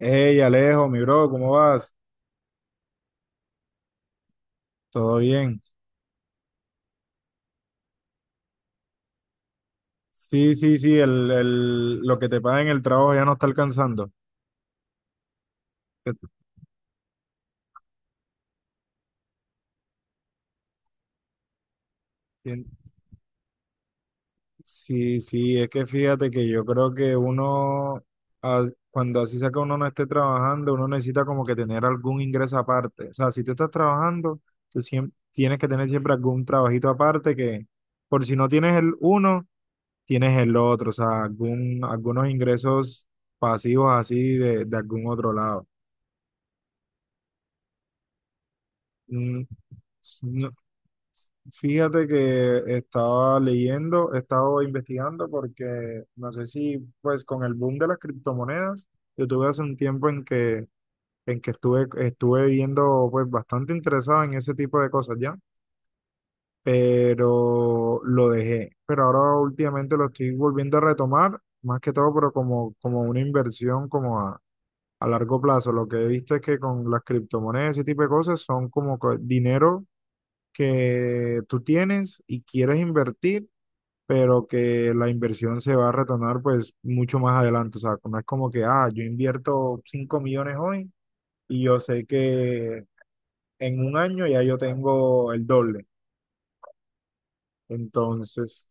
Hey, Alejo, mi bro, ¿cómo vas? ¿Todo bien? Sí, sí, sí, lo que te paga en el trabajo ya no está alcanzando. Que tú tien- Sí, sí, es que fíjate que yo creo que uno, cuando así sea que uno no esté trabajando, uno necesita como que tener algún ingreso aparte. O sea, si tú estás trabajando, tienes que tener siempre algún trabajito aparte que, por si no tienes el uno, tienes el otro. O sea, algunos ingresos pasivos así de algún otro lado. Mm. No. Fíjate que estaba leyendo, estaba investigando porque no sé si pues con el boom de las criptomonedas, yo tuve hace un tiempo en que estuve viendo pues bastante interesado en ese tipo de cosas ya, pero lo dejé. Pero ahora últimamente lo estoy volviendo a retomar, más que todo, pero como una inversión como a largo plazo. Lo que he visto es que con las criptomonedas, ese tipo de cosas son dinero que tú tienes y quieres invertir, pero que la inversión se va a retornar pues mucho más adelante. O sea, no es como que, yo invierto 5 millones hoy y yo sé que en un año ya yo tengo el doble. Entonces,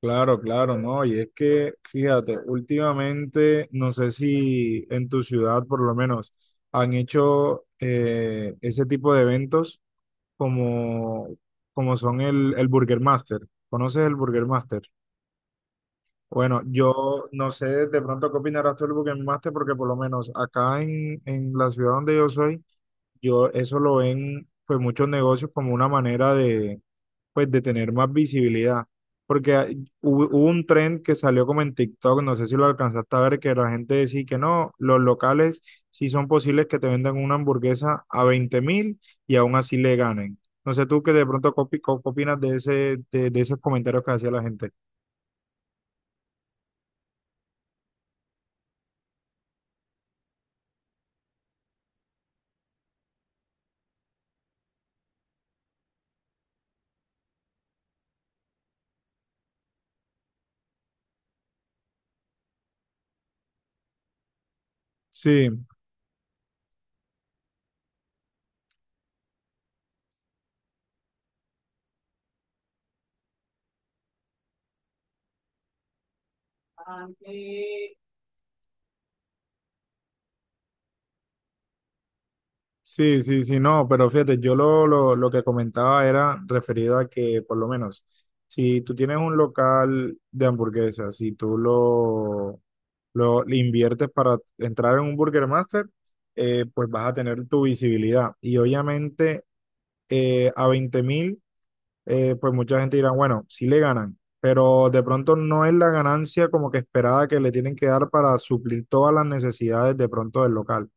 claro, claro, ¿no? Y es que, fíjate, últimamente, no sé si en tu ciudad por lo menos han hecho ese tipo de eventos como, como son el Burger Master. ¿Conoces el Burger Master? Bueno, yo no sé de pronto qué opinarás tú del Burger Master, porque por lo menos acá en la ciudad donde yo soy, yo eso lo ven pues muchos negocios como una manera de, pues de tener más visibilidad. Porque hubo un trend que salió como en TikTok, no sé si lo alcanzaste a ver, que la gente decía que no, los locales sí son posibles que te vendan una hamburguesa a 20.000 y aún así le ganen. No sé tú que de pronto opinas de ese, de esos comentarios que hacía la gente. Sí, sí, sí, sí, no, pero fíjate, yo lo que comentaba era referido a que, por lo menos, si tú tienes un local de hamburguesas, si tú lo le inviertes para entrar en un Burger Master, pues vas a tener tu visibilidad. Y obviamente a 20.000, pues mucha gente dirá, bueno, sí le ganan, pero de pronto no es la ganancia como que esperada que le tienen que dar para suplir todas las necesidades de pronto del local,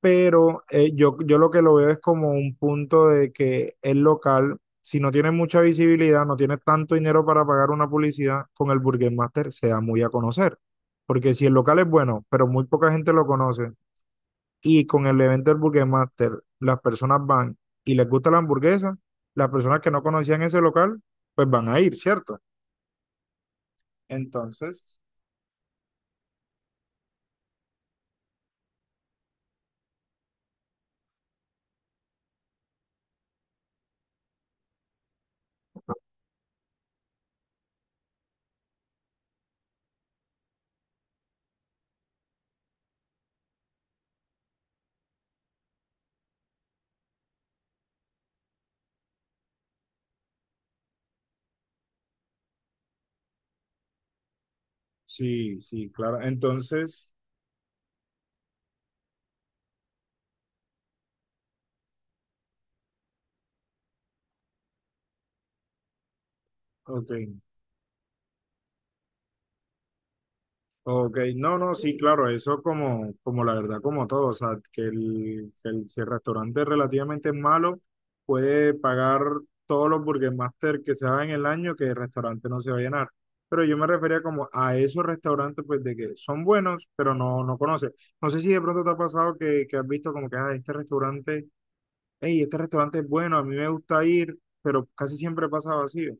pero yo lo que lo veo es como un punto de que el local, si no tiene mucha visibilidad, no tiene tanto dinero para pagar una publicidad, con el Burger Master se da muy a conocer. Porque si el local es bueno, pero muy poca gente lo conoce, y con el evento del Burger Master las personas van y les gusta la hamburguesa, las personas que no conocían ese local, pues van a ir, ¿cierto? Entonces, sí, sí, claro. Entonces, ok. Ok, no, no, sí, claro, eso como la verdad, como todo, o sea, si el restaurante es relativamente malo, puede pagar todos los Burger Master que se hagan en el año, que el restaurante no se va a llenar. Pero yo me refería como a esos restaurantes, pues, de que son buenos, pero no conoces. No sé si de pronto te ha pasado que has visto como que, este restaurante es bueno, a mí me gusta ir, pero casi siempre pasa vacío.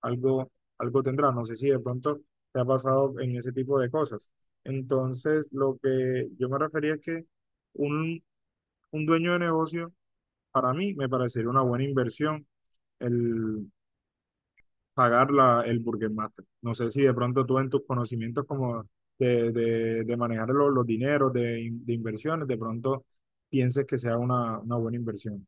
Algo, algo tendrá, no sé si de pronto te ha pasado en ese tipo de cosas. Entonces, lo que yo me refería es que un, un dueño de negocio, para mí, me parecería una buena inversión el pagar la, el Burger Master. No sé si de pronto tú en tus conocimientos como de manejar los dineros, de inversiones, de pronto pienses que sea una buena inversión.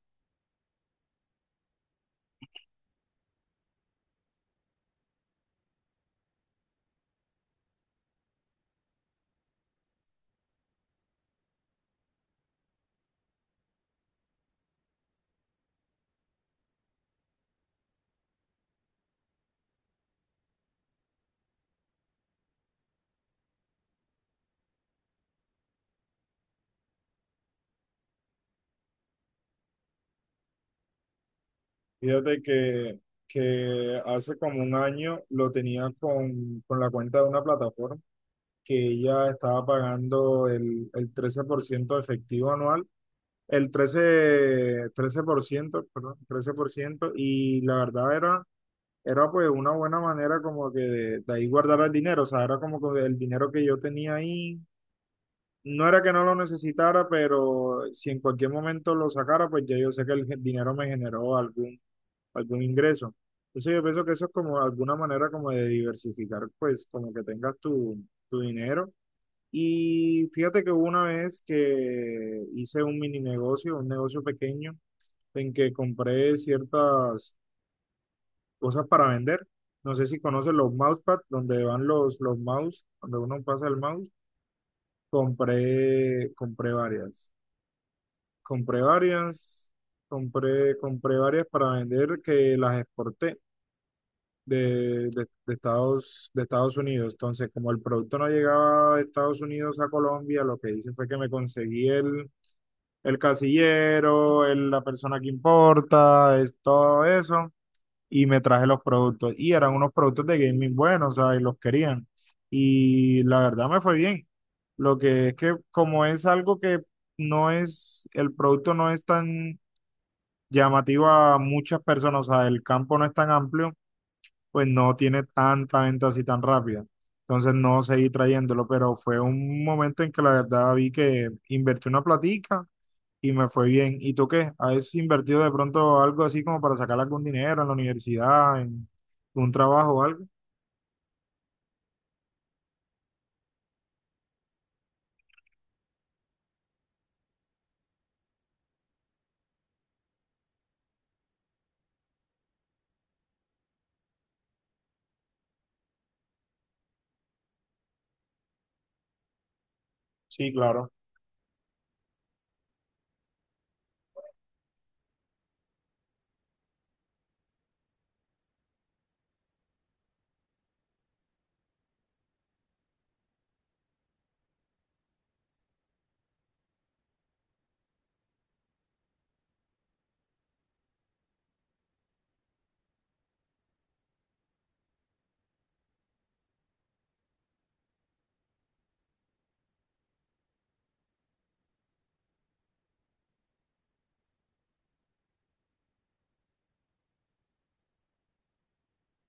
Fíjate que hace como un año lo tenía con la cuenta de una plataforma que ella estaba pagando el 13% efectivo anual, el trece por ciento, perdón, 13%, y la verdad era pues una buena manera como que de ahí guardar el dinero, o sea, era como que el dinero que yo tenía ahí, no era que no lo necesitara, pero si en cualquier momento lo sacara, pues ya yo sé que el dinero me generó algún ingreso. Entonces yo pienso que eso es como alguna manera como de diversificar, pues como que tengas tu dinero. Y fíjate que hubo una vez que hice un mini negocio, un negocio pequeño, en que compré ciertas cosas para vender. No sé si conoces los mousepad, donde van los mouse, donde uno pasa el mouse. Compré varias. Compré varias, compré varias para vender que las exporté de Estados Unidos. Entonces, como el producto no llegaba de Estados Unidos a Colombia, lo que hice fue que me conseguí el casillero, la persona que importa, es, todo eso, y me traje los productos. Y eran unos productos de gaming buenos, o sea, y los querían. Y la verdad me fue bien. Lo que es que como es algo que el producto no es tan llamativo a muchas personas, o sea, el campo no es tan amplio, pues no tiene tanta venta así tan rápida. Entonces no seguí trayéndolo, pero fue un momento en que la verdad vi que invertí una platica y me fue bien. ¿Y tú qué? ¿Has invertido de pronto algo así como para sacar algún dinero en la universidad, en un trabajo o algo? Sí, claro,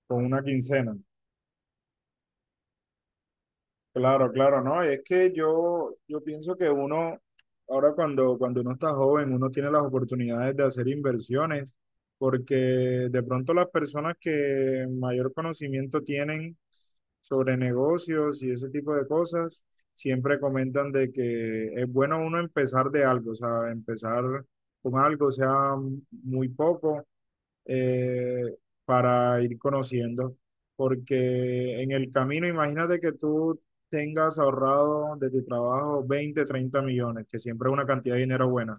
con una quincena. Claro, claro, no, es que yo pienso que uno, ahora cuando uno está joven, uno tiene las oportunidades de hacer inversiones, porque de pronto las personas que mayor conocimiento tienen sobre negocios y ese tipo de cosas, siempre comentan de que es bueno uno empezar de algo, o sea, empezar con algo, sea muy poco, eh, para ir conociendo, porque en el camino, imagínate que tú tengas ahorrado de tu trabajo 20 30 millones, que siempre es una cantidad de dinero buena,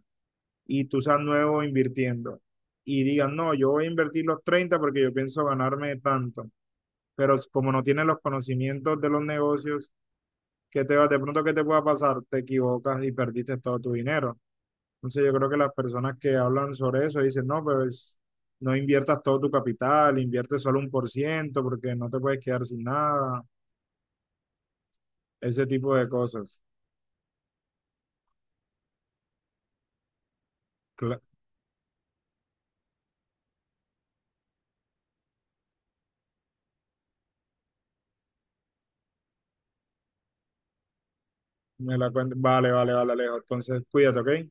y tú seas nuevo invirtiendo y digas no, yo voy a invertir los 30 porque yo pienso ganarme tanto, pero como no tienes los conocimientos de los negocios, ¿qué te va? De pronto, ¿qué te pueda pasar? Te equivocas y perdiste todo tu dinero. Entonces yo creo que las personas que hablan sobre eso dicen, no, pues no inviertas todo tu capital, invierte solo 1% porque no te puedes quedar sin nada, ese tipo de cosas. Cla- Vale, vale, vale, Alejo. Entonces cuídate, ¿ok?